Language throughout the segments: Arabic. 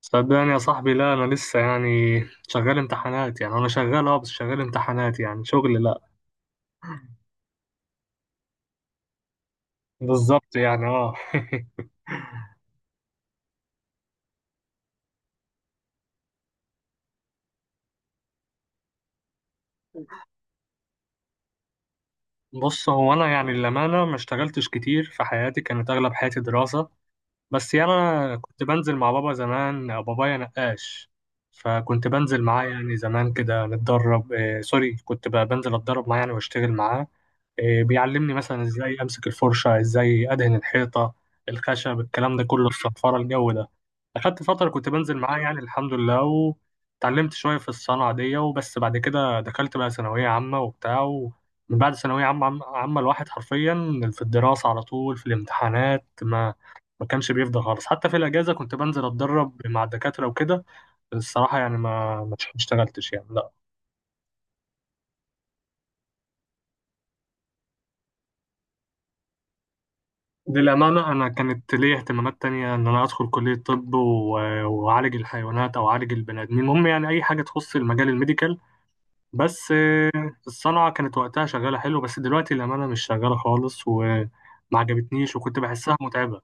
صدقني يا صاحبي، لا، انا لسه يعني شغال امتحانات. يعني انا شغال، اه، بس شغال امتحانات. يعني شغل لا. بالظبط يعني. اه. بص، هو انا يعني للامانه ما اشتغلتش كتير في حياتي. كانت اغلب حياتي دراسه. بس يعني انا كنت بنزل مع بابا زمان. بابايا نقاش، فكنت بنزل معاه يعني. زمان كده نتدرب، آه سوري، كنت بقى بنزل اتدرب معاه يعني واشتغل معاه. بيعلمني مثلا ازاي امسك الفرشه، ازاي ادهن الحيطه، الخشب، الكلام ده كله، الصنفره، الجو ده. اخدت فتره كنت بنزل معاه يعني، الحمد لله، وتعلمت شويه في الصنعه دي. وبس بعد كده دخلت بقى ثانويه عامه وبتاع. ومن بعد ثانويه عامه عامه الواحد حرفيا في الدراسه على طول. في الامتحانات ما كانش بيفضى خالص. حتى في الاجازه كنت بنزل اتدرب مع الدكاتره وكده. الصراحه يعني ما اشتغلتش يعني. لا. للأمانة أنا كانت ليا اهتمامات تانية إن أنا أدخل كلية طب وأعالج الحيوانات أو أعالج البني آدمين. المهم يعني أي حاجة تخص المجال الميديكال بس. الصنعة كانت وقتها شغالة حلو، بس دلوقتي للأمانة مش شغالة خالص، وما عجبتنيش وكنت بحسها متعبة.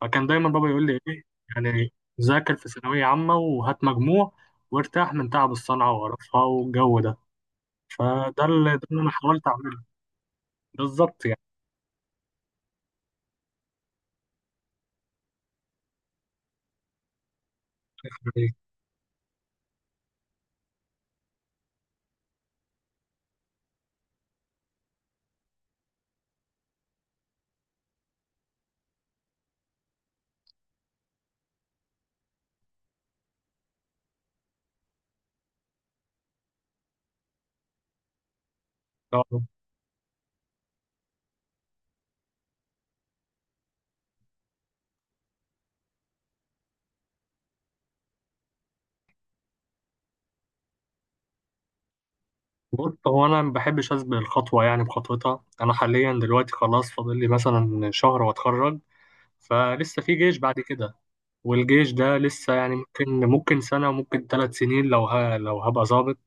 فكان دايما بابا يقول لي إيه يعني، ذاكر في ثانوية عامة وهات مجموع وارتاح من تعب الصنعة وقرفها والجو ده. فده اللي ده اللي أنا حاولت أعمله. بالظبط يعني. بص، هو انا ما بحبش اسبق الخطوه، يعني بخطوتها. انا حاليا دلوقتي خلاص فاضل لي مثلا شهر واتخرج، فلسه في جيش بعد كده. والجيش ده لسه يعني، ممكن سنه وممكن 3 سنين، لو لو هبقى ظابط.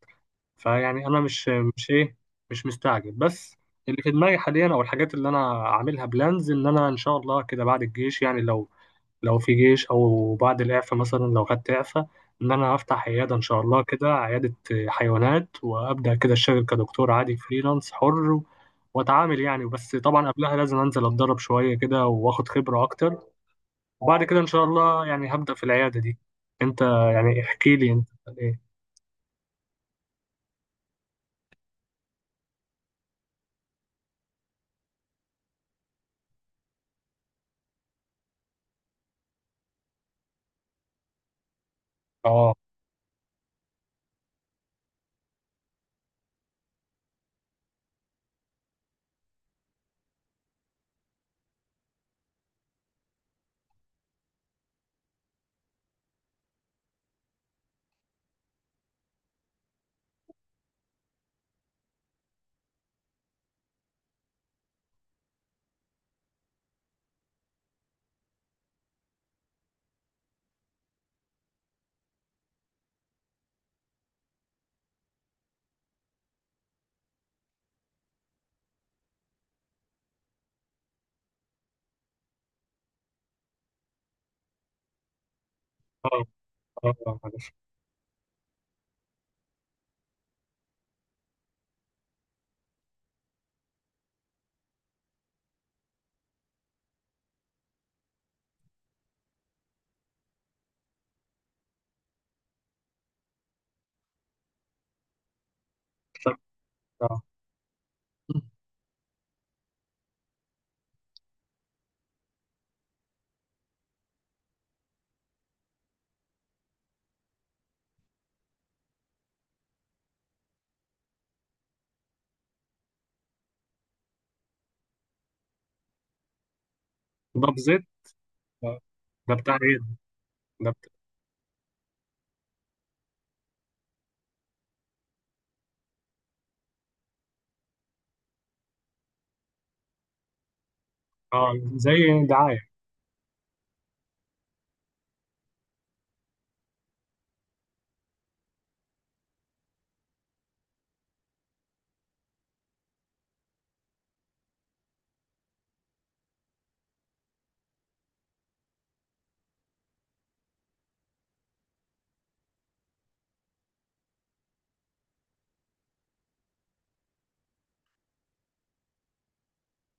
فيعني انا مش ايه مش مستعجل بس. اللي في دماغي حاليا او الحاجات اللي انا عاملها بلانز، ان انا ان شاء الله كده بعد الجيش يعني، لو في جيش، او بعد الاعفاء مثلا لو خدت اعفاء، ان انا افتح عياده ان شاء الله، كده عياده حيوانات، وابدا كده اشتغل كدكتور عادي فريلانس حر. واتعامل يعني. بس طبعا قبلها لازم انزل اتدرب شويه كده واخد خبره اكتر. وبعد كده ان شاء الله يعني هبدا في العياده دي. انت، يعني احكي لي انت. ايه. اه. اه. اه. آه، معلش. آه. ده بزيت. آه. ده بتاع ايه؟ ده بتاع... اه، زي دعايه.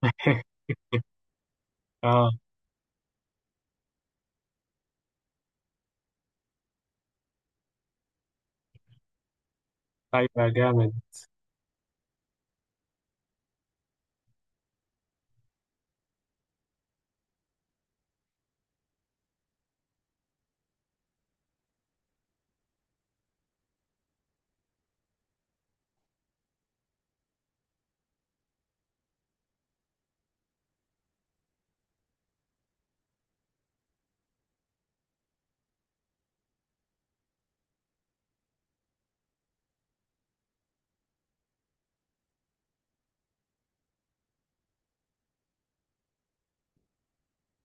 اه. ايوه جامد.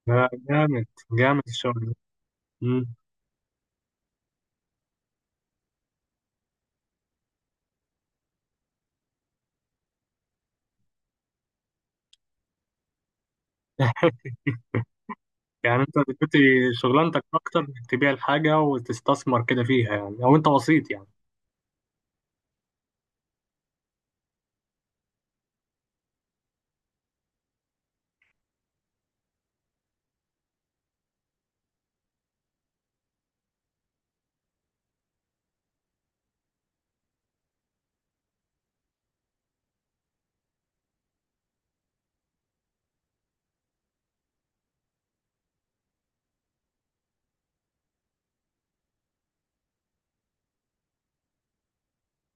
آه، جامد. جامد الشغل ده. مم. يعني انت دلوقتي شغلانتك اكتر انك تبيع الحاجه وتستثمر كده فيها يعني، او انت وسيط يعني؟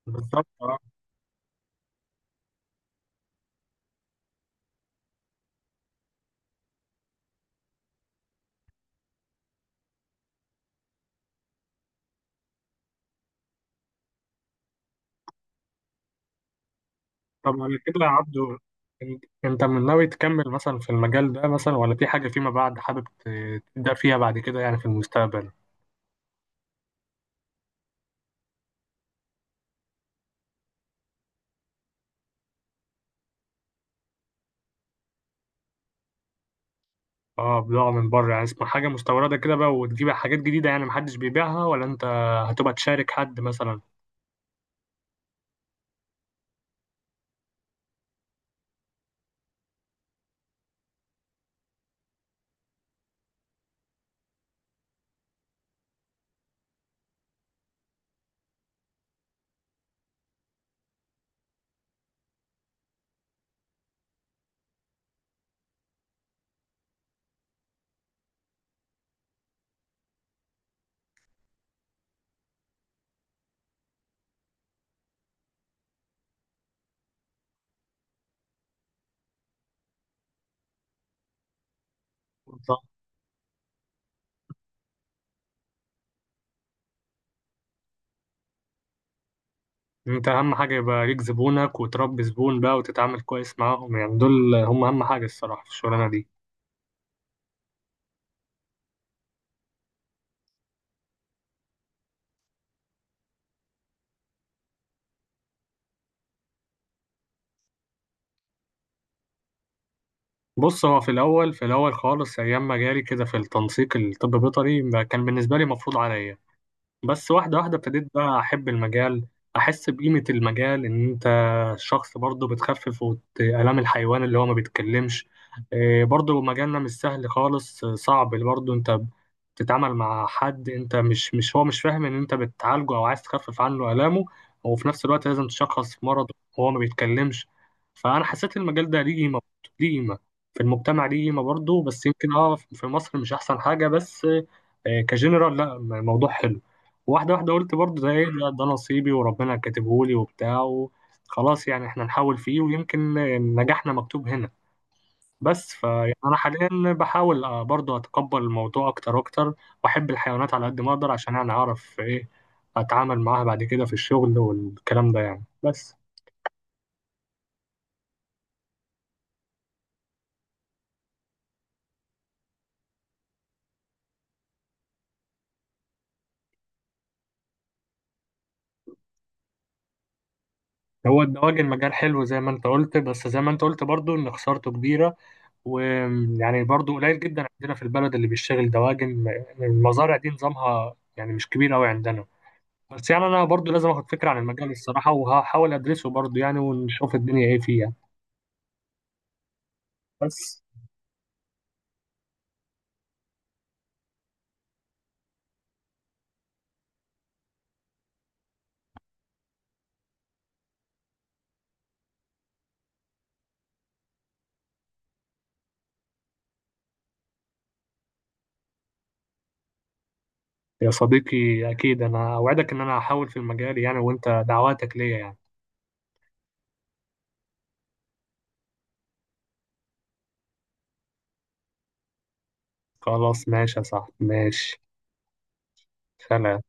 بالظبط آه. طب على كده يا عبدو، انت من ناوي تكمل مثلا في المجال ده مثلا، ولا في حاجه فيما بعد حابب تبدا فيها بعد كده يعني في المستقبل؟ اه، بضاعه من بره، يعني اسمها حاجه مستورده كده بقى وتجيب حاجات جديده يعني محدش بيبيعها، ولا انت هتبقى تشارك حد مثلا؟ انت اهم حاجه يبقى ليك زبونك، وتربي زبون بقى وتتعامل كويس معاهم. يعني دول هم اهم حاجه الصراحه في الشغلانه دي. بص، هو في الاول، في الاول خالص، ايام ما جالي كده في التنسيق الطب بيطري، ما كان بالنسبه لي مفروض عليا. بس واحدة واحدة ابتديت بقى أحب المجال، أحس بقيمة المجال، إن أنت شخص برضه بتخفف آلام الحيوان اللي هو ما بيتكلمش. برضه مجالنا مش سهل خالص. صعب برضه. أنت بتتعامل مع حد، أنت مش مش هو مش فاهم إن أنت بتعالجه أو عايز تخفف عنه آلامه، وفي نفس الوقت لازم تشخص مرض وهو ما بيتكلمش. فأنا حسيت المجال ده ليه قيمة، ليه قيمة في المجتمع، ليه قيمة برضه. بس يمكن في مصر مش أحسن حاجة. بس كجنرال لا الموضوع حلو. واحدة واحدة قلت برضه ده ايه ده، ده نصيبي وربنا كاتبهولي وبتاع خلاص يعني احنا نحاول فيه، ويمكن نجاحنا مكتوب هنا بس. فيعني انا حاليا بحاول، برضه اتقبل الموضوع اكتر واكتر، واحب الحيوانات على قد ما اقدر عشان يعني اعرف ايه، اتعامل معاها بعد كده في الشغل والكلام ده يعني. بس هو الدواجن مجال حلو زي ما انت قلت، بس زي ما انت قلت برضه ان خسارته كبيرة. ويعني برضه قليل جدا عندنا في البلد اللي بيشتغل دواجن. المزارع دي نظامها يعني مش كبير قوي عندنا. بس يعني انا برضو لازم اخد فكره عن المجال الصراحه، وهحاول ادرسه برضو يعني ونشوف الدنيا ايه فيه يعني. بس يا صديقي، اكيد انا اوعدك ان انا هحاول في المجال يعني، وانت دعواتك ليا يعني. خلاص ماشي يا صاحبي. ماشي. سلام.